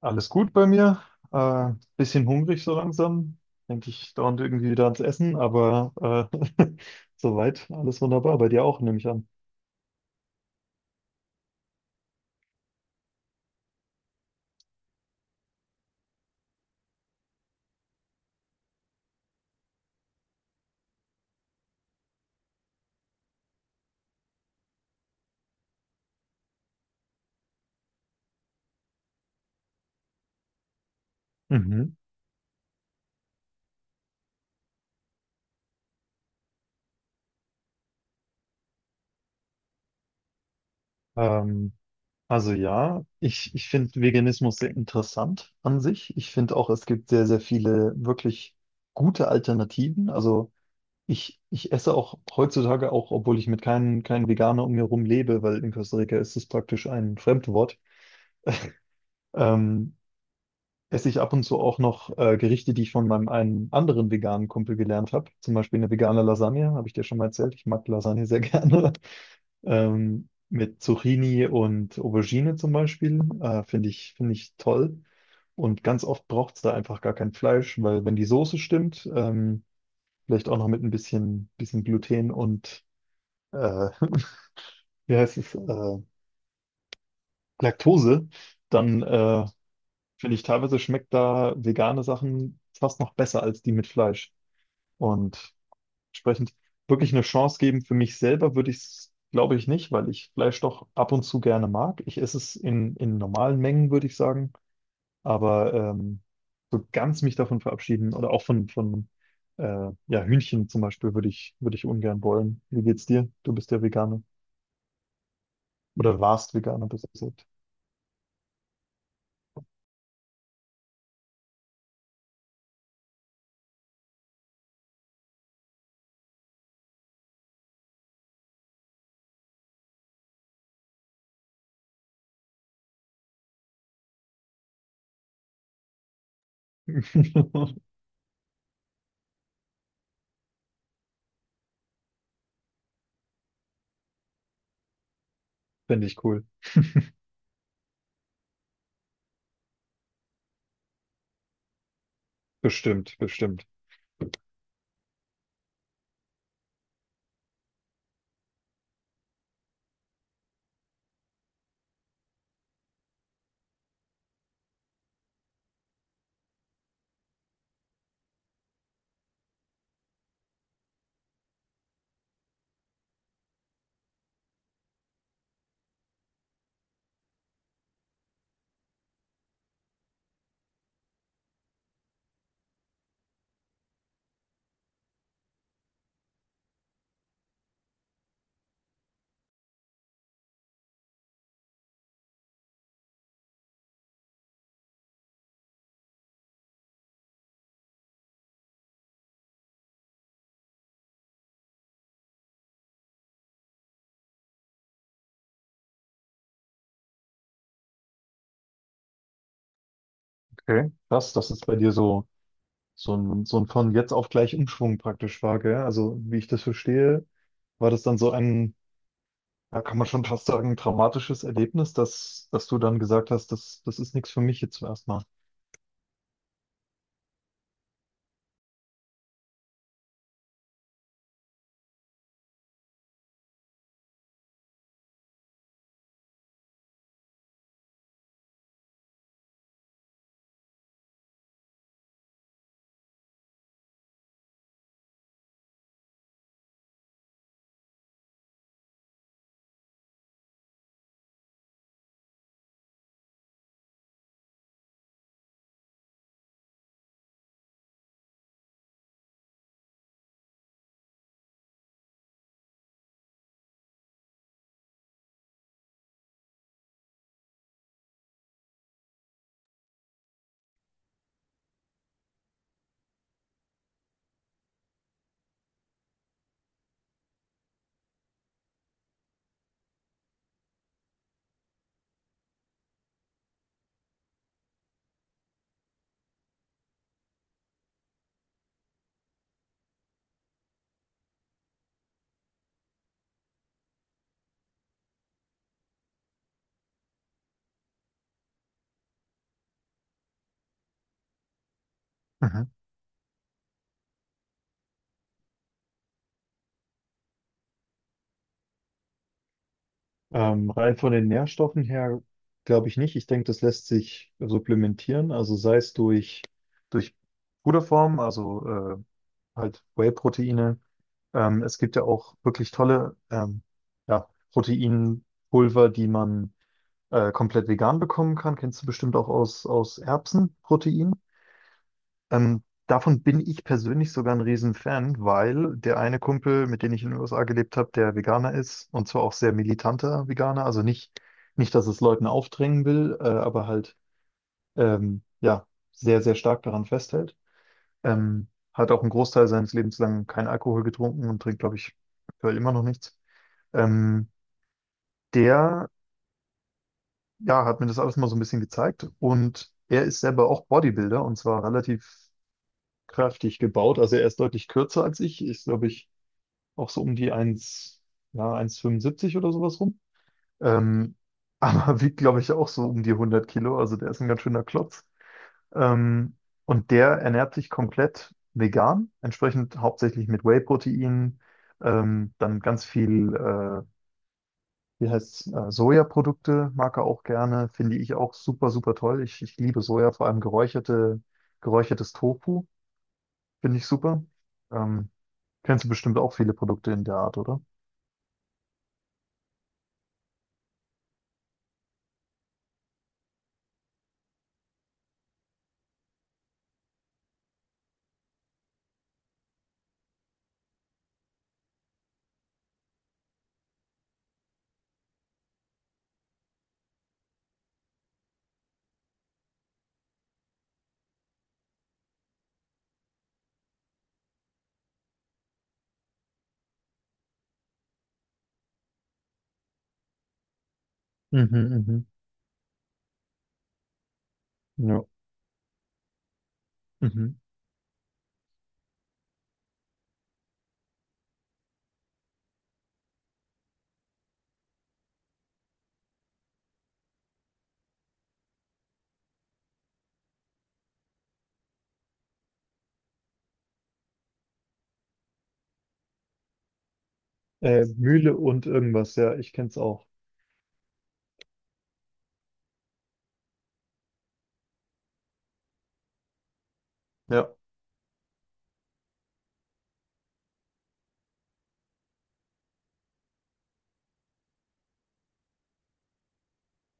Alles gut bei mir. Äh, Bisschen hungrig so langsam. Denke ich dauernd irgendwie wieder ans Essen, aber äh, soweit alles wunderbar. Bei dir auch, nehme ich an. Mhm. Ähm, also ja, ich finde Veganismus sehr interessant an sich. Ich finde auch, es gibt sehr, sehr viele wirklich gute Alternativen. Also ich esse auch heutzutage auch, obwohl ich mit keinem Veganer um mir herum lebe, weil in Costa Rica ist es praktisch ein Fremdwort. Ähm, Esse ich ab und zu auch noch Gerichte, die ich von meinem einen anderen veganen Kumpel gelernt habe. Zum Beispiel eine vegane Lasagne, habe ich dir schon mal erzählt. Ich mag Lasagne sehr gerne. Mit Zucchini und Aubergine zum Beispiel. Finde ich toll. Und ganz oft braucht es da einfach gar kein Fleisch, weil wenn die Soße stimmt, vielleicht auch noch mit ein bisschen Gluten und äh, wie heißt es, Laktose, dann finde ich, teilweise schmeckt da vegane Sachen fast noch besser als die mit Fleisch. Und entsprechend wirklich eine Chance geben für mich selber würde ich es, glaube ich, nicht, weil ich Fleisch doch ab und zu gerne mag. Ich esse es in normalen Mengen, würde ich sagen. Aber so ganz mich davon verabschieden oder auch von äh, ja, Hühnchen zum Beispiel würde ich ungern wollen. Wie geht's dir? Du bist ja Veganer. Oder warst Veganer, besser gesagt. Finde ich cool. Bestimmt, bestimmt. Okay. Krass, dass es bei dir so so ein von jetzt auf gleich Umschwung praktisch war, gell? Also, wie ich das verstehe, war das dann so ein, ja, kann man schon fast sagen, traumatisches Erlebnis, dass du dann gesagt hast, das ist nichts für mich jetzt erstmal. Mhm. Rein von den Nährstoffen her glaube ich nicht. Ich denke, das lässt sich supplementieren, also sei es durch Puderform, also halt Whey-Proteine. Es gibt ja auch wirklich tolle ja, Proteinpulver, die man komplett vegan bekommen kann. Kennst du bestimmt auch aus Erbsenprotein. Davon bin ich persönlich sogar ein Riesenfan, weil der eine Kumpel, mit dem ich in den USA gelebt habe, der Veganer ist und zwar auch sehr militanter Veganer, also nicht, nicht, dass es Leuten aufdrängen will, aber halt ja, sehr, sehr stark daran festhält. Hat auch einen Großteil seines Lebens lang keinen Akkohol getrunken und trinkt, glaube ich, aktuell immer noch nichts. Ähm, Der ja, hat mir das alles mal so ein bisschen gezeigt. Und er ist selber auch Bodybuilder und zwar relativ kräftig gebaut. Also er ist deutlich kürzer als ich. Ist, glaube ich, auch so um die eins, ja, 1,75 oder sowas rum. Ähm, aber wiegt, glaube ich, auch so um die 100 Kilo. Also der ist ein ganz schöner Klotz. Ähm, und der ernährt sich komplett vegan, entsprechend hauptsächlich mit Whey-Protein, dann ganz viel wie heißt Sojaprodukte mag er auch gerne, finde ich auch super, super toll. Ich liebe Soja, vor allem geräucherte, geräuchertes Tofu, finde ich super. Ähm, Kennst du bestimmt auch viele Produkte in der Art, oder? Mhm, mhm. Ja. Mhm. Mühle und irgendwas, ja, ich kenn's auch. Ja,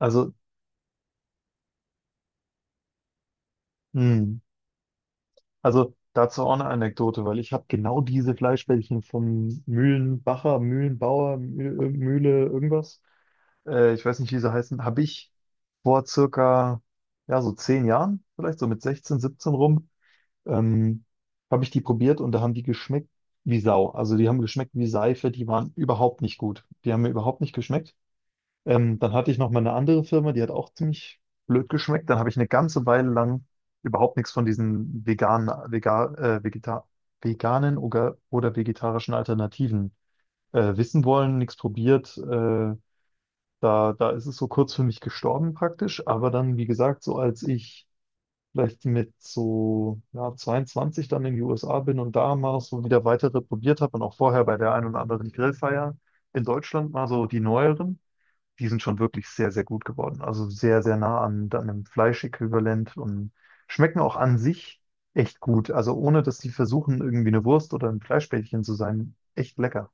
also, mh. Also dazu auch eine Anekdote, weil ich habe genau diese Fleischbällchen vom Mühlenbacher, Mühlenbauer, Mühle, irgendwas. Ich weiß nicht, wie sie heißen, habe ich vor circa, ja, so 10 Jahren, vielleicht so mit 16, 17 rum, ähm, habe ich die probiert und da haben die geschmeckt wie Sau. Also die haben geschmeckt wie Seife, die waren überhaupt nicht gut. Die haben mir überhaupt nicht geschmeckt. Dann hatte ich noch mal eine andere Firma, die hat auch ziemlich blöd geschmeckt. Dann habe ich eine ganze Weile lang überhaupt nichts von diesen veganen oder vegetarischen Alternativen wissen wollen, nichts probiert. Da ist es so kurz für mich gestorben praktisch, aber dann, wie gesagt, so als ich vielleicht mit so ja, 22 dann in die USA bin und da mal so wieder weitere probiert habe und auch vorher bei der einen oder anderen Grillfeier in Deutschland mal so die neueren, die sind schon wirklich sehr, sehr gut geworden. Also sehr, sehr nah an, an einem Fleischäquivalent und schmecken auch an sich echt gut. Also ohne, dass die versuchen, irgendwie eine Wurst oder ein Fleischbällchen zu sein, echt lecker.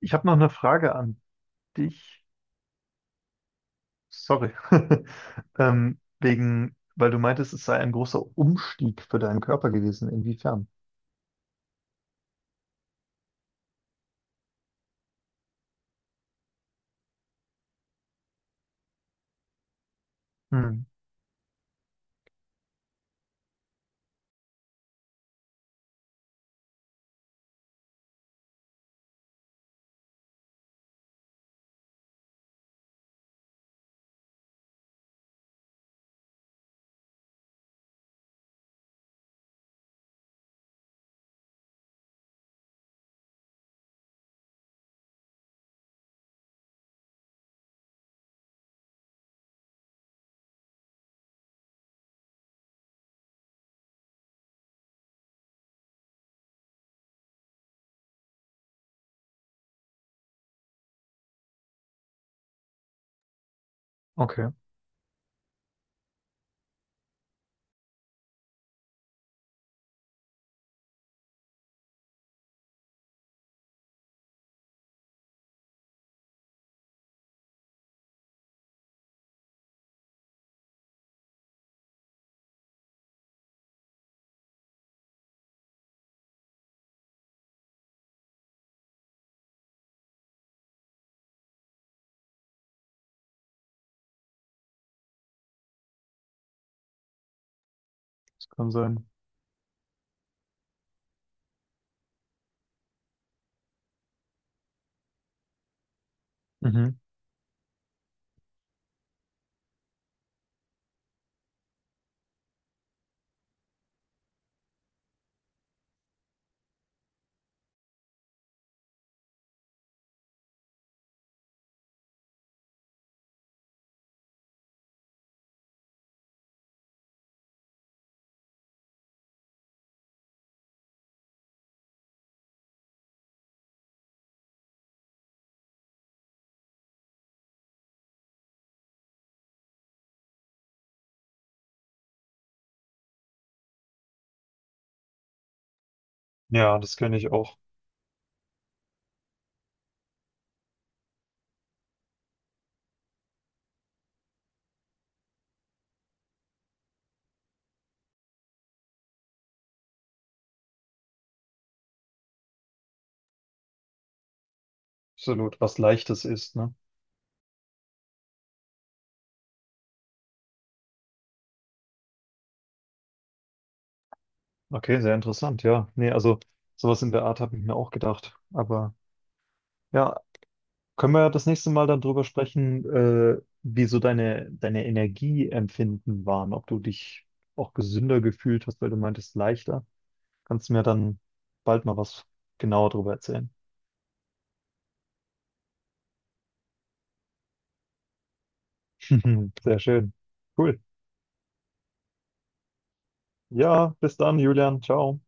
Ich habe noch eine Frage an dich. Sorry. Weil du meintest, es sei ein großer Umstieg für deinen Körper gewesen. Inwiefern? Hm, okay, das kann sein. Mhm. Ja, das kenne ich auch. Absolut. Was Leichtes ist, ne? Okay, sehr interessant, ja. Nee, also sowas in der Art habe ich mir auch gedacht. Aber ja, können wir ja das nächste Mal dann drüber sprechen, wie so deine Energieempfinden waren, ob du dich auch gesünder gefühlt hast, weil du meintest leichter. Kannst du mir dann bald mal was genauer drüber erzählen? Sehr schön. Cool. Ja, bis dann, Julian. Ciao.